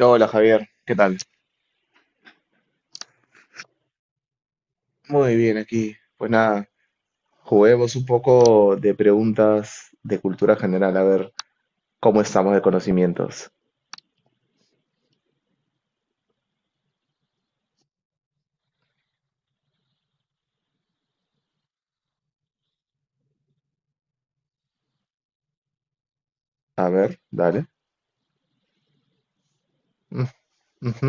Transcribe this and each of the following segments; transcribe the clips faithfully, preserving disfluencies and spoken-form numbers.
Hola Javier, ¿qué tal? Muy bien aquí. Pues nada, juguemos un poco de preguntas de cultura general, a ver cómo estamos de conocimientos. A ver, dale. Mm, ujú.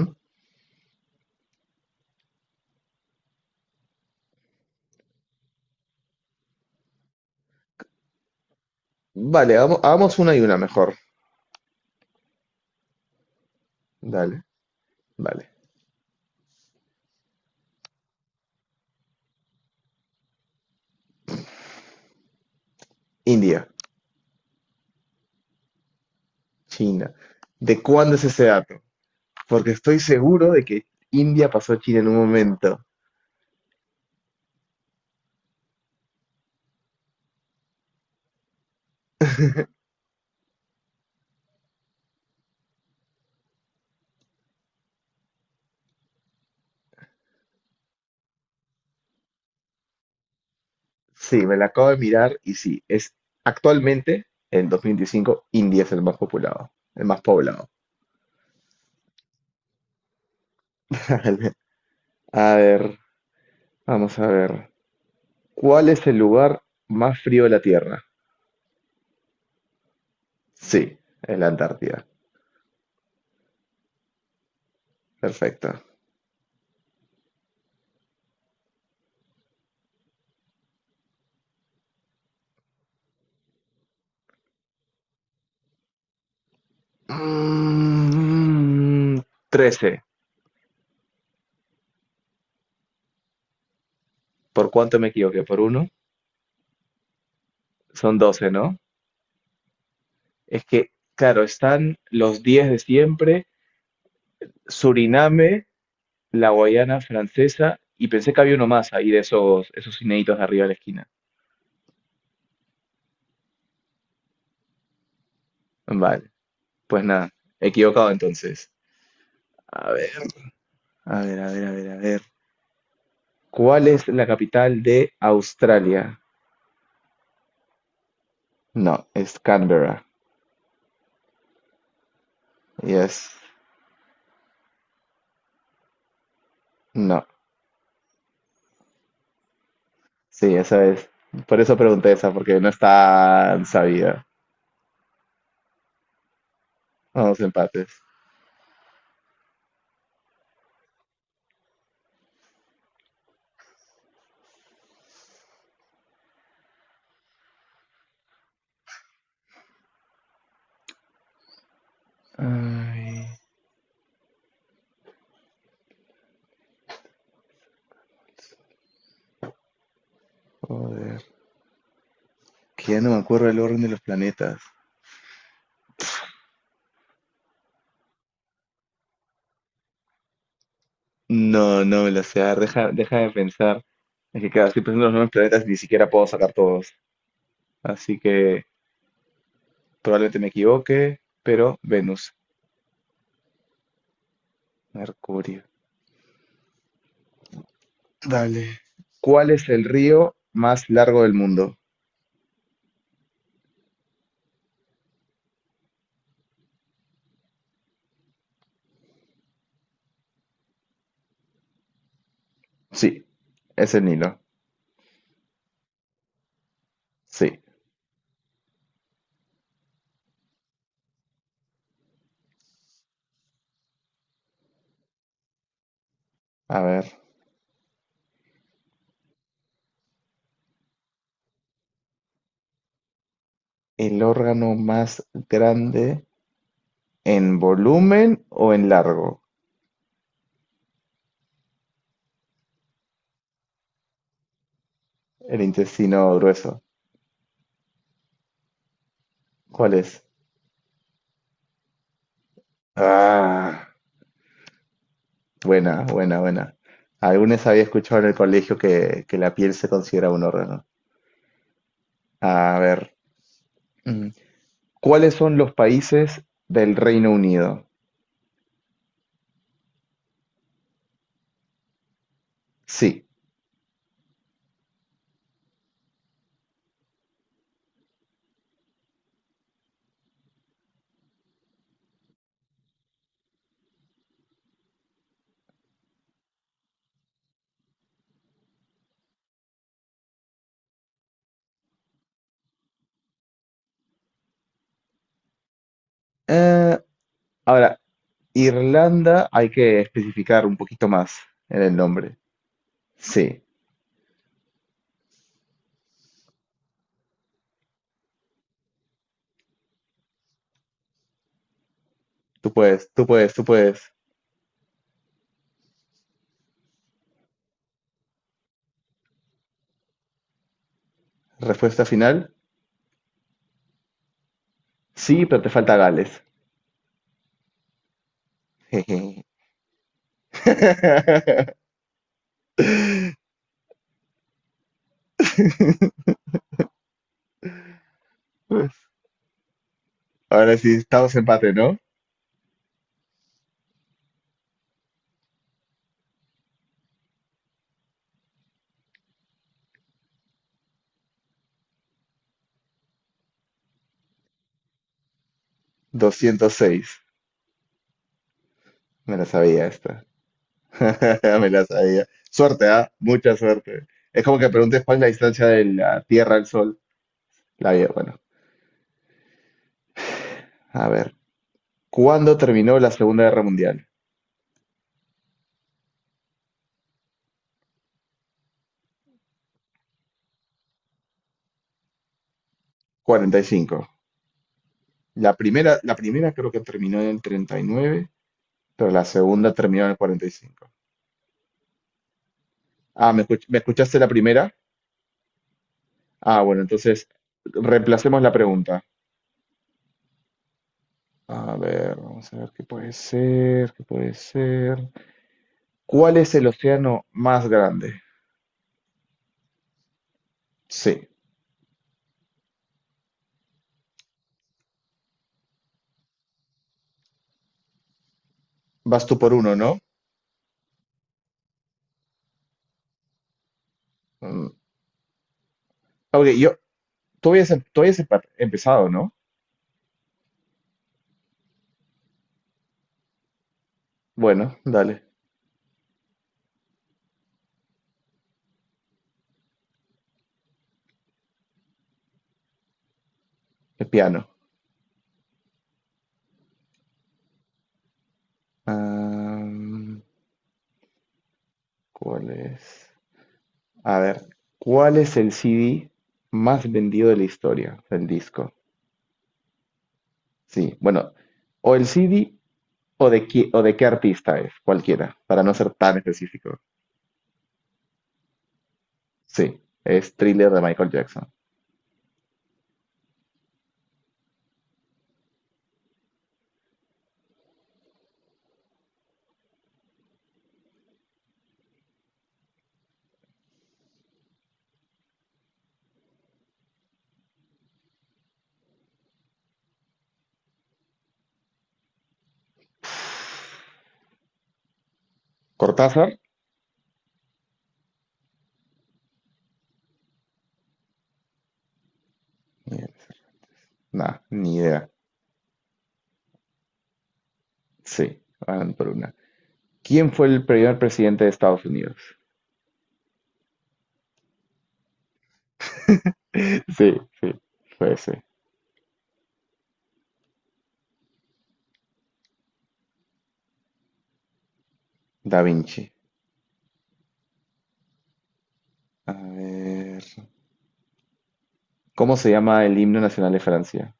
Vale, hagamos, hagamos una y una mejor. Dale, vale. India, China. ¿De cuándo es ese dato? Porque estoy seguro de que India pasó a China en un momento. Sí, me la acabo de mirar y sí, es actualmente, en dos mil veinticinco, India es el más poblado, el más poblado. Vale. A ver, vamos a ver. ¿Cuál es el lugar más frío de la Tierra? Sí, es la Antártida. Perfecto. Mm, trece. ¿Por cuánto me equivoqué? ¿Por uno? Son doce, ¿no? Es que, claro, están los diez de siempre, Suriname, la Guayana Francesa, y pensé que había uno más ahí de esos, esos inéditos de arriba de la esquina. Vale, pues nada, equivocado entonces. A ver, a ver, a ver, a ver, a ver. ¿Cuál es la capital de Australia? No, es Canberra. Y es. No. Sí, esa es. Por eso pregunté esa, porque no está sabida. Vamos, empates. Ay, joder. Que ya no me acuerdo el orden de los planetas. No, no me lo sé. A ver, deja, deja de pensar. Es que cada estoy pensando en los nuevos planetas y ni siquiera puedo sacar todos. Así que probablemente me equivoque, pero Venus, Mercurio. Dale. ¿Cuál es el río más largo del mundo? Sí, es el Nilo. Sí. A ver, el órgano más grande en volumen o en largo, el intestino grueso. ¿Cuál es? Ah, buena, buena, buena. Algunos había escuchado en el colegio que, que la piel se considera un órgano. A ver, mm, ¿cuáles son los países del Reino Unido? Sí. Eh, ahora, Irlanda hay que especificar un poquito más en el nombre. Sí, tú puedes, tú puedes, tú puedes. Respuesta final. Sí, pero te falta Gales. Jeje. Pues, ahora sí, estamos empate, ¿no? doscientos seis. Me la sabía esta. Me la sabía. Suerte, ¿ah? Mucha suerte. Es como que preguntes cuál es la distancia de la Tierra al Sol. La vida, bueno. A ver. ¿Cuándo terminó la Segunda Guerra Mundial? cuarenta y cinco. La primera, la primera creo que terminó en el treinta y nueve, pero la segunda terminó en el cuarenta y cinco. Ah, ¿me escuch- me escuchaste la primera? Ah, bueno, entonces reemplacemos la pregunta. A ver, vamos a ver qué puede ser, qué puede ser. ¿Cuál es el océano más grande? Sí, vas tú por uno, ¿no? Mm, ok, yo, tú habías, em- tú habías empa- empezado, ¿no? Bueno, dale, el piano. Am, ¿cuál es? A ver, ¿cuál es el C D más vendido de la historia? El disco. Sí, bueno, o el C D o de, qui- o de qué artista es, cualquiera, para no ser tan específico. Sí, es Thriller de Michael Jackson. Cortázar, nada, ni idea. Sí, van por una. ¿Quién fue el primer presidente de Estados Unidos? Sí, sí, fue ese. Da Vinci. A ver. ¿Cómo se llama el himno nacional de Francia?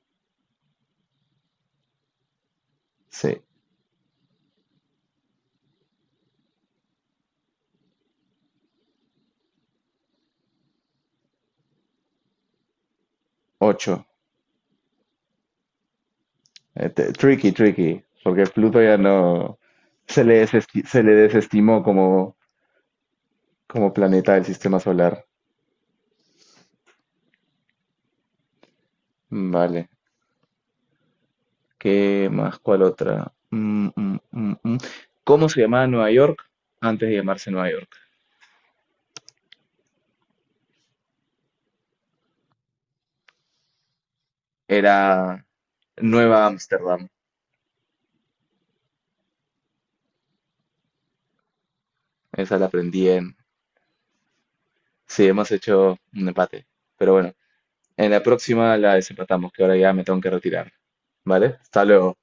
Sí, ocho. Tricky, tricky, porque Pluto ya no se le, desesti- se le desestimó como, como planeta del sistema solar. Vale. ¿Qué más? ¿Cuál otra? Mm, mm, mm, mm. ¿Cómo se llamaba Nueva York antes de llamarse Nueva York? Era Nueva Ámsterdam. Esa la aprendí en... Sí, hemos hecho un empate. Pero bueno, en la próxima la desempatamos, que ahora ya me tengo que retirar. ¿Vale? Hasta luego.